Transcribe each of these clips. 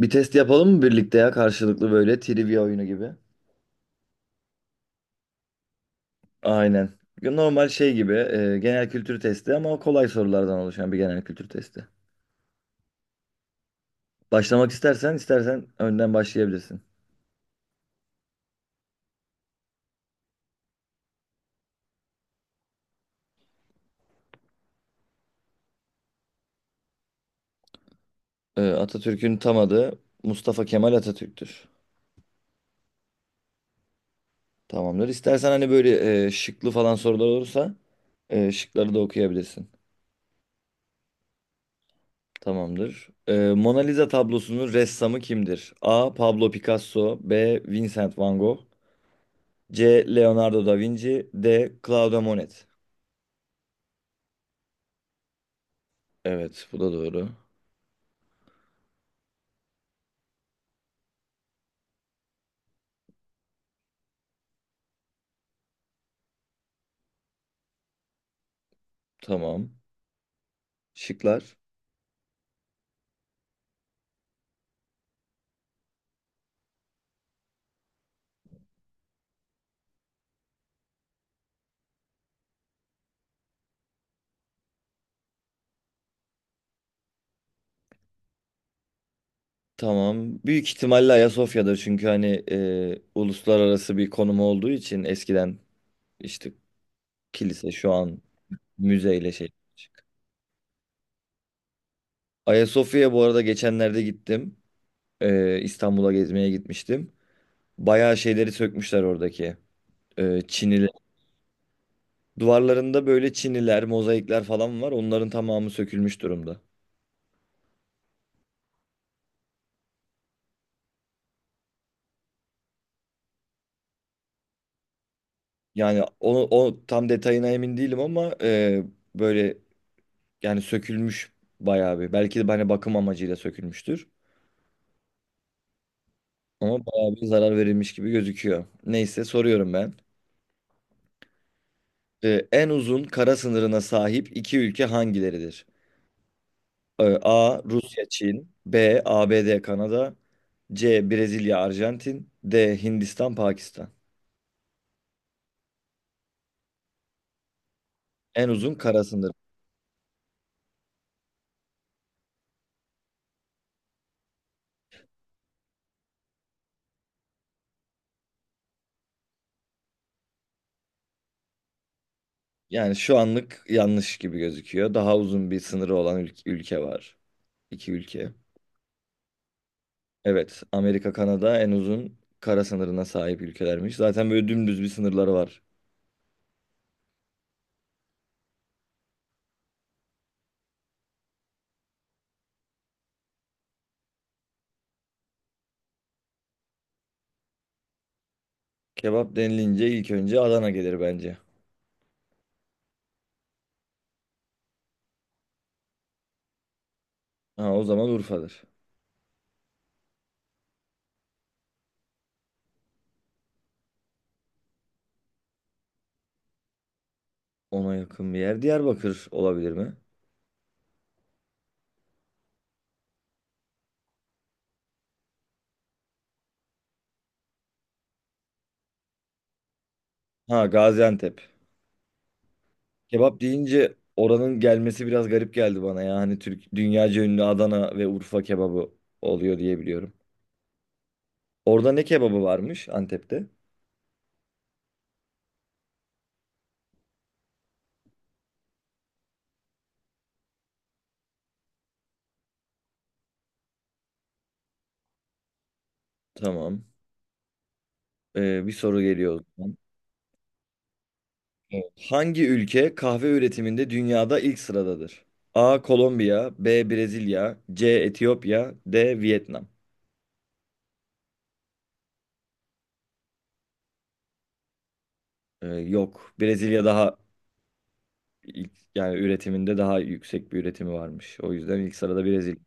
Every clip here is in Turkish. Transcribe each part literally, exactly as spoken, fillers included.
Bir test yapalım mı birlikte ya karşılıklı böyle trivia oyunu gibi? Aynen. Normal şey gibi e, genel kültür testi ama kolay sorulardan oluşan bir genel kültür testi. Başlamak istersen istersen önden başlayabilirsin. E, Atatürk'ün tam adı Mustafa Kemal Atatürk'tür. Tamamdır. İstersen hani böyle e, şıklı falan sorular olursa e, şıkları da okuyabilirsin. Tamamdır. E, Mona Lisa tablosunun ressamı kimdir? A. Pablo Picasso, B. Vincent Van Gogh, C. Leonardo da Vinci, D. Claude Monet. Evet, bu da doğru. Tamam. Şıklar. Tamam. Büyük ihtimalle Ayasofya'dır, çünkü hani e, uluslararası bir konumu olduğu için eskiden işte kilise, şu an müzeyle şey. Ayasofya'ya bu arada geçenlerde gittim. E, İstanbul'a gezmeye gitmiştim. Bayağı şeyleri sökmüşler oradaki. E, Çinili. Duvarlarında böyle çiniler, mozaikler falan var. Onların tamamı sökülmüş durumda. Yani onu o tam detayına emin değilim ama e, böyle yani sökülmüş bayağı bir. Belki de hani bakım amacıyla sökülmüştür. Ama bayağı bir zarar verilmiş gibi gözüküyor. Neyse soruyorum ben. E, en uzun kara sınırına sahip iki ülke hangileridir? E, A. Rusya, Çin. B. A B D, Kanada. C. Brezilya, Arjantin. D. Hindistan, Pakistan. En uzun kara sınırı. Yani şu anlık yanlış gibi gözüküyor. Daha uzun bir sınırı olan ül- ülke var. İki ülke. Evet, Amerika, Kanada en uzun kara sınırına sahip ülkelermiş. Zaten böyle dümdüz bir sınırları var. Kebap denilince ilk önce Adana gelir bence. Ha, o zaman Urfa'dır. Ona yakın bir yer Diyarbakır olabilir mi? Ha, Gaziantep. Kebap deyince oranın gelmesi biraz garip geldi bana ya. Hani Türk, dünyaca ünlü Adana ve Urfa kebabı oluyor diye biliyorum. Orada ne kebabı varmış Antep'te? Tamam. Ee, bir soru geliyor o zaman. Evet. Hangi ülke kahve üretiminde dünyada ilk sıradadır? A. Kolombiya, B. Brezilya, C. Etiyopya, D. Vietnam. Ee, yok. Brezilya daha ilk- yani üretiminde daha yüksek bir üretimi varmış. O yüzden ilk sırada Brezilya.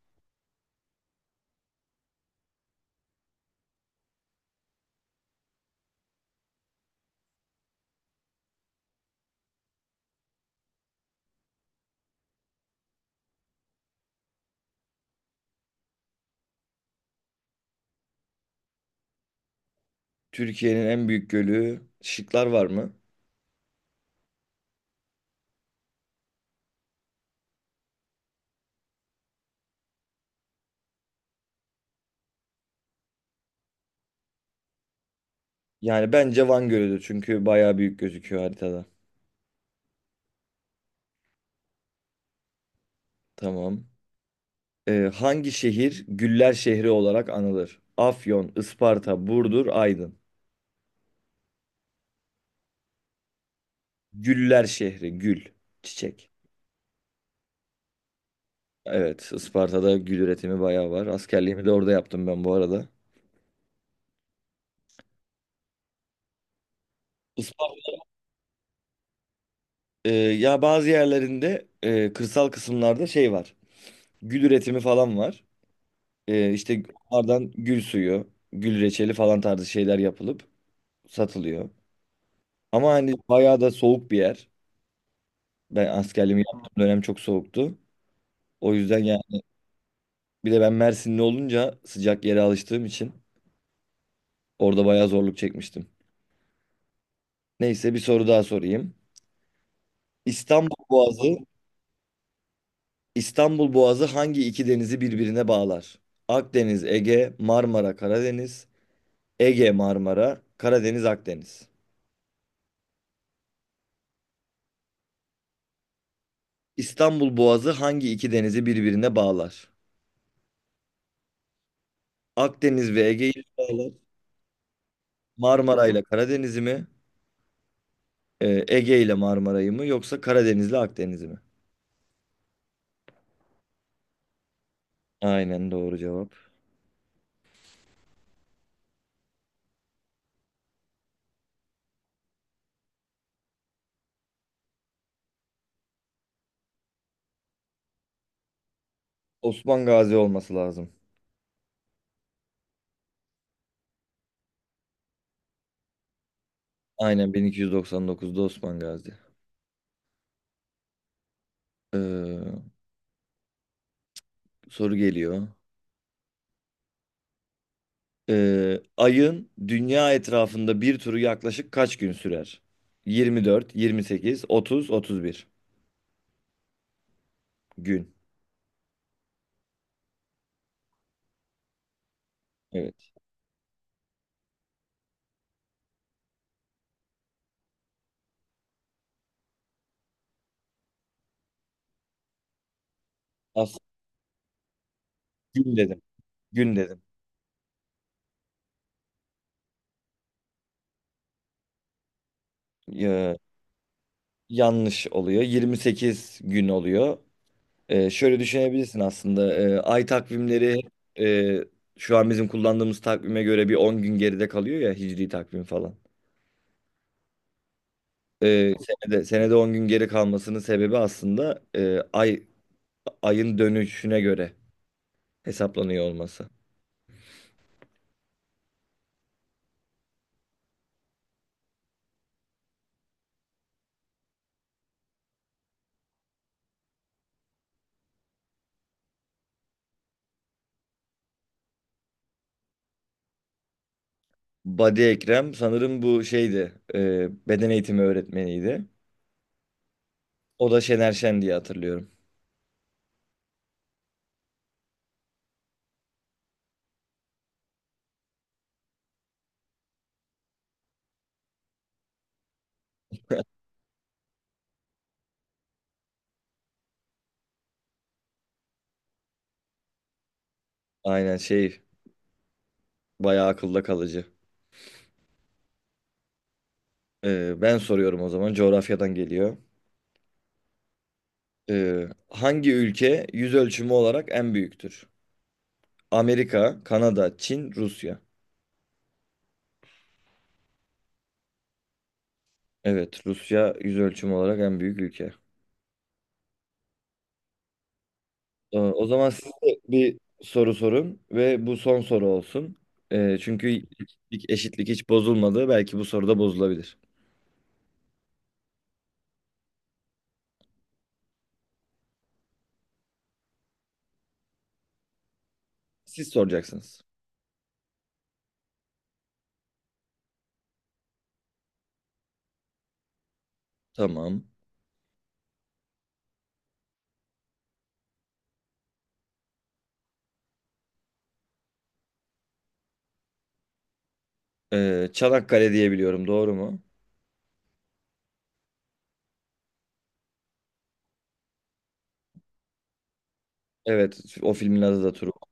Türkiye'nin en büyük gölü, şıklar var mı? Yani bence Van Gölü'dür, çünkü bayağı büyük gözüküyor haritada. Tamam. Ee, hangi şehir Güller şehri olarak anılır? Afyon, Isparta, Burdur, Aydın. Güller şehri, gül, çiçek. Evet, Isparta'da gül üretimi bayağı var. Askerliğimi de orada yaptım ben bu arada. Isparta, Ee, ya bazı yerlerinde e, kırsal kısımlarda şey var. Gül üretimi falan var. Ee, işte onlardan gül suyu, gül reçeli falan tarzı şeyler yapılıp satılıyor. Ama hani bayağı da soğuk bir yer. Ben askerliğimi yaptığım dönem çok soğuktu. O yüzden yani bir de ben Mersinli olunca sıcak yere alıştığım için orada bayağı zorluk çekmiştim. Neyse, bir soru daha sorayım. İstanbul Boğazı, İstanbul Boğazı hangi iki denizi birbirine bağlar? Akdeniz, Ege, Marmara, Karadeniz, Ege, Marmara, Karadeniz, Akdeniz. İstanbul Boğazı hangi iki denizi birbirine bağlar? Akdeniz ve Ege'yi, Marmara ile Karadeniz'i mi, e, Ege ile Marmara'yı mı, yoksa Karadeniz ile Akdeniz'i mi? Aynen, doğru cevap. Osman Gazi olması lazım. Aynen, bin iki yüz doksan dokuzda Osman Gazi. Ee, Soru geliyor. Ee, ayın dünya etrafında bir turu yaklaşık kaç gün sürer? yirmi dört, yirmi sekiz, otuz, otuz bir gün. Evet. Aslında gün dedim. Gün dedim. Ee, Yanlış oluyor. yirmi sekiz gün oluyor. Ee, şöyle düşünebilirsin aslında. Ee, ay takvimleri e, şu an bizim kullandığımız takvime göre bir on gün geride kalıyor ya, hicri takvim falan. Ee, senede, senede on gün geri kalmasının sebebi aslında e, ay ayın dönüşüne göre hesaplanıyor olması. Badi Ekrem sanırım bu şeydi, e, beden eğitimi öğretmeniydi. O da Şener Şen diye hatırlıyorum. Aynen şey, bayağı akılda kalıcı. Ee, ben soruyorum o zaman, coğrafyadan geliyor. Ee, hangi ülke yüz ölçümü olarak en büyüktür? Amerika, Kanada, Çin, Rusya. Evet, Rusya yüz ölçümü olarak en büyük ülke. Ee, O zaman siz de bir soru sorun ve bu son soru olsun. Ee, çünkü eşitlik, eşitlik hiç bozulmadı. Belki bu soruda bozulabilir. Siz soracaksınız. Tamam. Ee, Çanakkale diye biliyorum, doğru mu? Evet, o filmin adı da Truva.